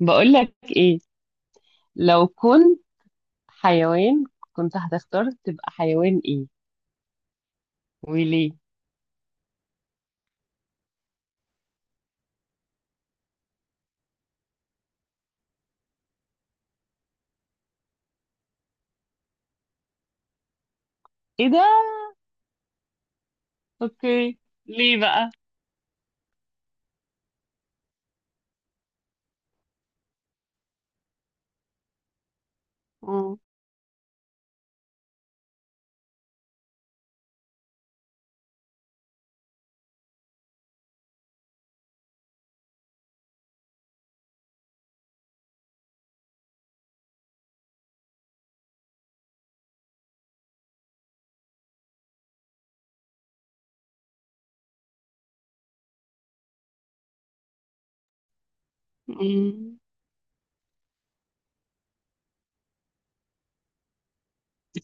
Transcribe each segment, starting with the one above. بقولك ايه؟ لو كنت حيوان كنت هتختار تبقى حيوان ايه وليه؟ ايه ده؟ اوكي، ليه بقى؟ مم. مم.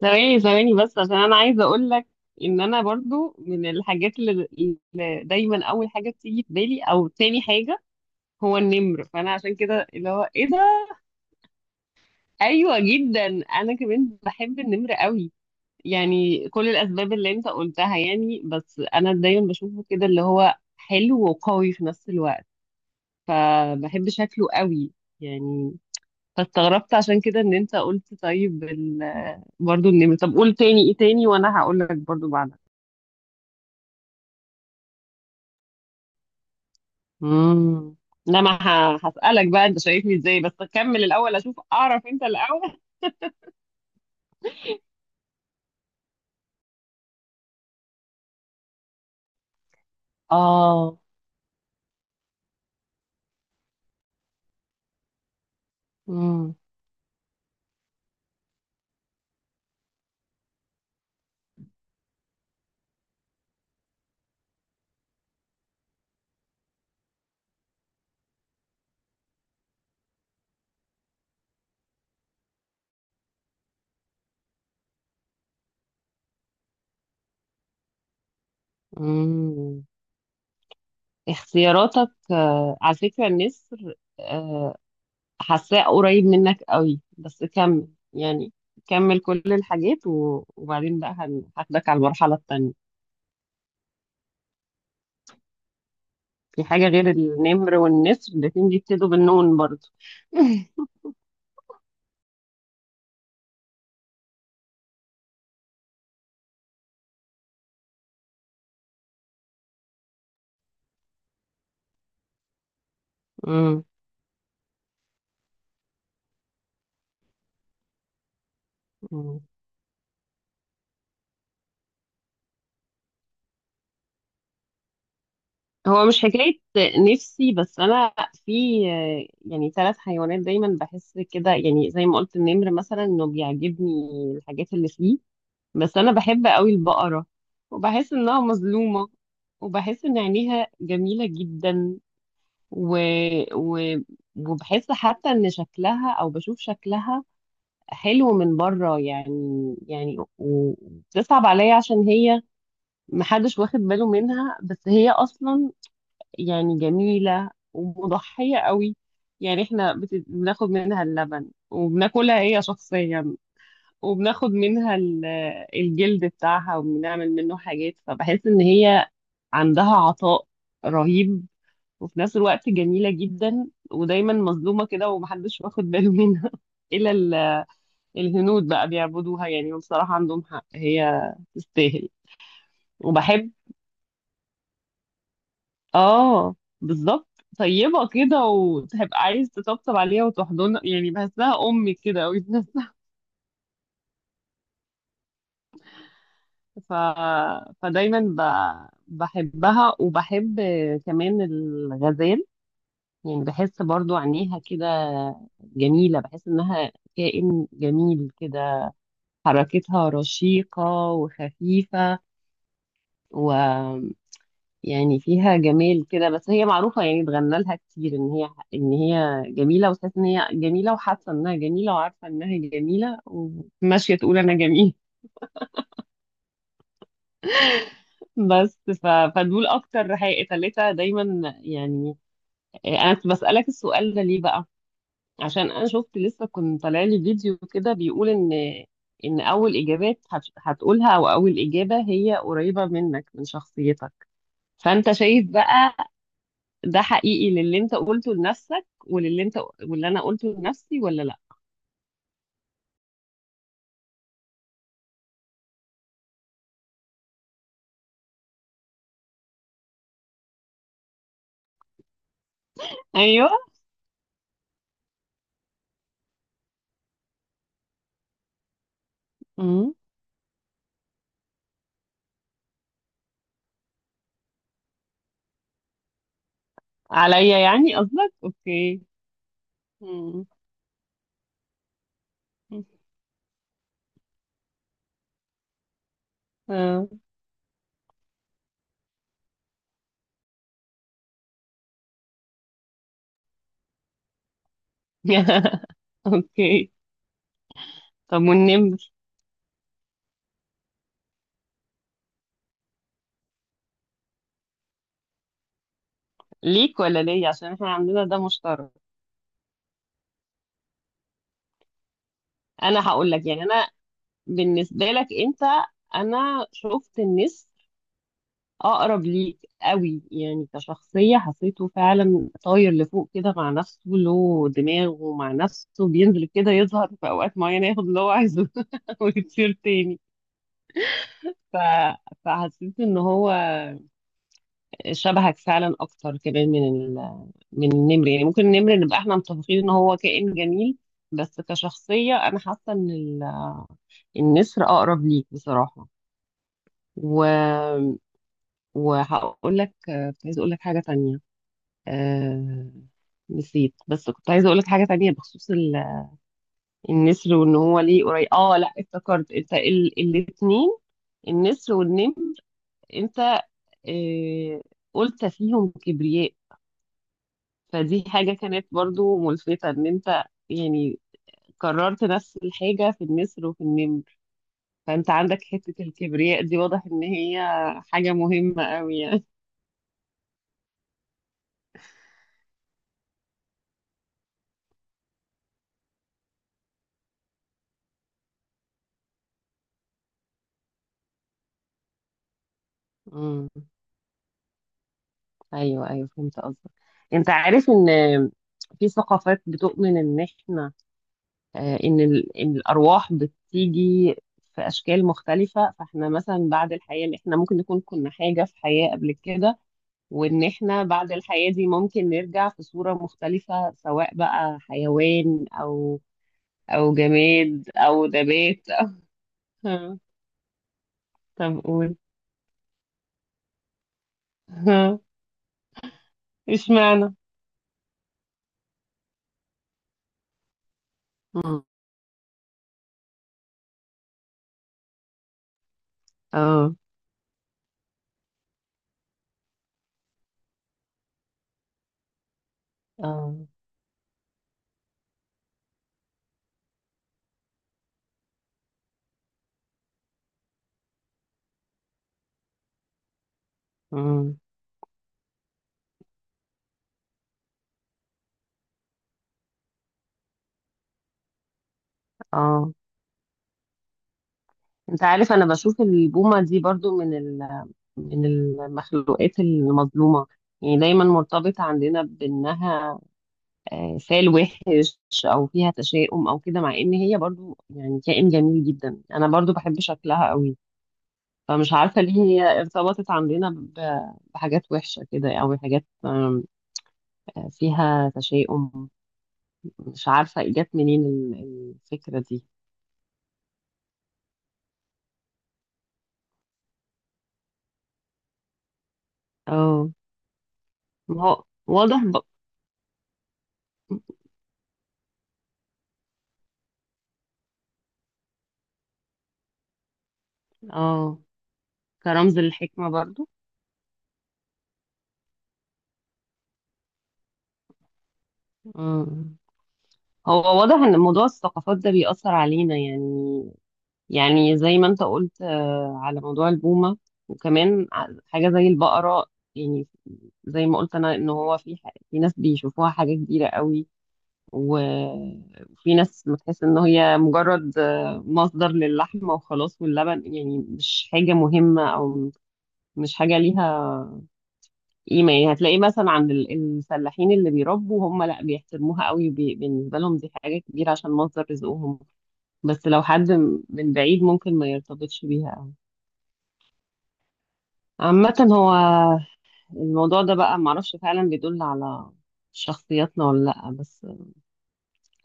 ثواني ثواني بس عشان انا عايزه اقولك ان انا برضو من الحاجات اللي دايما اول حاجه بتيجي في بالي او تاني حاجه هو النمر، فانا عشان كده اللي هو ايه ده. ايوه جدا، انا كمان بحب النمر قوي. يعني كل الأسباب اللي أنت قلتها يعني، بس أنا دايما بشوفه كده اللي هو حلو وقوي في نفس الوقت، فبحب شكله قوي يعني. فاستغربت عشان كده إن أنت برضو النمر. طب قول تاني إيه تاني وأنا هقول لك برضو بعدها. امم، لا، ما ه- هسألك بقى أنت شايفني إزاي، بس أكمل الأول أشوف أعرف أنت الأول. آه. امم. امم، اختياراتك آه، على فكرة النسر حاساه قريب منك قوي، بس كمل يعني، كمل كل الحاجات وبعدين بقى هاخدك على المرحلة التانية. في حاجة غير النمر والنسر؟ الاتنين بيبتدوا بالنون برضو. مم. مم. هو مش حكاية نفسي، بس أنا في آه، يعني ثلاث حيوانات دايما بحس كده، يعني زي ما قلت النمر مثلا إنه بيعجبني الحاجات اللي فيه، بس أنا بحب قوي البقرة وبحس إنها مظلومة، وبحس إن عينيها جميلة جدا و... و... وبحس حتى ان شكلها او بشوف شكلها حلو من بره يعني. يعني وبتصعب عليا عشان هي محدش واخد باله منها، بس هي اصلا يعني جميلة ومضحية قوي. يعني احنا بناخد منها اللبن وبناكلها هي شخصيا، وبناخد منها الجلد بتاعها وبنعمل منه حاجات، فبحس ان هي عندها عطاء رهيب وفي نفس الوقت جميلة جدا، ودايما مظلومة كده ومحدش واخد باله منها إلا الهنود بقى بيعبدوها يعني، وبصراحة عندهم حق، هي تستاهل. وبحب، اه، بالظبط، طيبة كده وتبقى عايز تطبطب عليها وتحضنها، يعني بحسها أمي كده أوي في نفسها. ف... فدايما بحبها، وبحب كمان الغزال. يعني بحس برضو عينيها كده جميلة، بحس إنها كائن جميل كده، حركتها رشيقة وخفيفة، ويعني فيها جمال كده، بس هي معروفة يعني، اتغنى لها كتير ان هي جميلة، وتحس ان هي جميلة، وحاسة انها جميلة، وعارفة انها جميلة، وماشية تقول انا جميل. بس فدول اكتر حقيقة، تلاتة دايما يعني. انا كنت بسألك السؤال ده ليه بقى؟ عشان انا شفت لسه كنت طالع لي فيديو كده بيقول ان ان هتقولها او اول اجابة هي قريبة منك من شخصيتك. فانت شايف بقى ده حقيقي للي انت قلته لنفسك وللي انت، واللي انا قلته لنفسي، ولا لا؟ ايوه. امم، عليا يعني قصدك، اوكي. امم. آه. اوكي، طب والنمر؟ ليك ولا ليا؟ عشان احنا عندنا ده مشترك. انا هقول لك، يعني انا بالنسبه لك انت، انا شفت النسر اقرب ليك قوي، يعني كشخصيه حسيته فعلا طاير لفوق كده مع نفسه، له دماغه مع نفسه، بينزل كده يظهر في اوقات معينه ياخد اللي هو عايزه ويطير تاني. ف... فحسيت ان هو شبهك فعلا اكتر كمان من النمر، يعني ممكن النمر نبقى احنا متفقين ان هو كائن جميل، بس كشخصيه انا حاسه النسر اقرب ليك بصراحه. و... وهقول لك، كنت عايزه اقول لك حاجه تانية آه، نسيت، بس كنت عايزه اقول لك حاجه تانية بخصوص النسر وان هو ليه قريب. اه لا، افتكرت، انت الاتنين النسر والنمر، انت آه، قلت فيهم كبرياء. فدي حاجه كانت برضو ملفتة ان انت يعني كررت نفس الحاجه في النسر وفي النمر، فانت عندك حته الكبرياء دي، واضح ان هي حاجه مهمه قوي يعني. مم. ايوه ايوه، فهمت قصدك. انت عارف ان في ثقافات بتؤمن ان احنا آه، إن الارواح بتيجي في اشكال مختلفه، فاحنا مثلا بعد الحياه، إن احنا ممكن نكون كنا حاجه في حياه قبل كده، وان احنا بعد الحياه دي ممكن نرجع في صوره مختلفه، سواء بقى حيوان او او جماد او نبات. أو... طب قول. اشمعنى؟ مم. اه اه. مم. اه، انت عارف انا بشوف البومة دي برضو من المخلوقات المظلومة، يعني دايما مرتبط عندنا بانها آه، فال وحش او فيها تشاؤم او كده، مع ان هي برضو يعني كائن جميل جدا، انا برضو بحب شكلها قوي. فمش عارفة ليه هي ارتبطت عندنا بحاجات وحشة كده او حاجات آم، آه، فيها تشاؤم. مش عارفة جت منين الفكرة دي. اه، ما هو واضح اه، كرمز للحكمة برضو. مم. هو واضح ان موضوع الثقافات ده بيأثر علينا يعني، يعني زي ما انت قلت آه، على موضوع البومة، وكمان حاجة زي البقرة، يعني زي ما قلت انا ان هو في ناس بيشوفوها حاجة كبيرة قوي، و- وفي ناس بتحس ان هي مجرد آه، مصدر للحمة وخلاص واللبن، يعني مش حاجة مهمة، او مش حاجة ليها ايمان، هتلاقيه مثلا عند الفلاحين اللي بيربوا هم لا بيحترموها قوي، بالنسبه لهم دي حاجه كبيره عشان مصدر رزقهم، بس لو حد من بعيد ممكن ما يرتبطش بيها قوي. عامه هو الموضوع ده بقى معرفش فعلا بيدل على شخصياتنا ولا لا، بس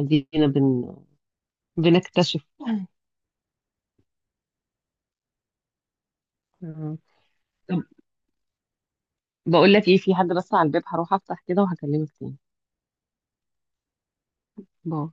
ادينا بن... بنكتشف. آه. طب بقول لك ايه، في حد بس على الباب، هروح افتح كده وهكلمك تاني. باي.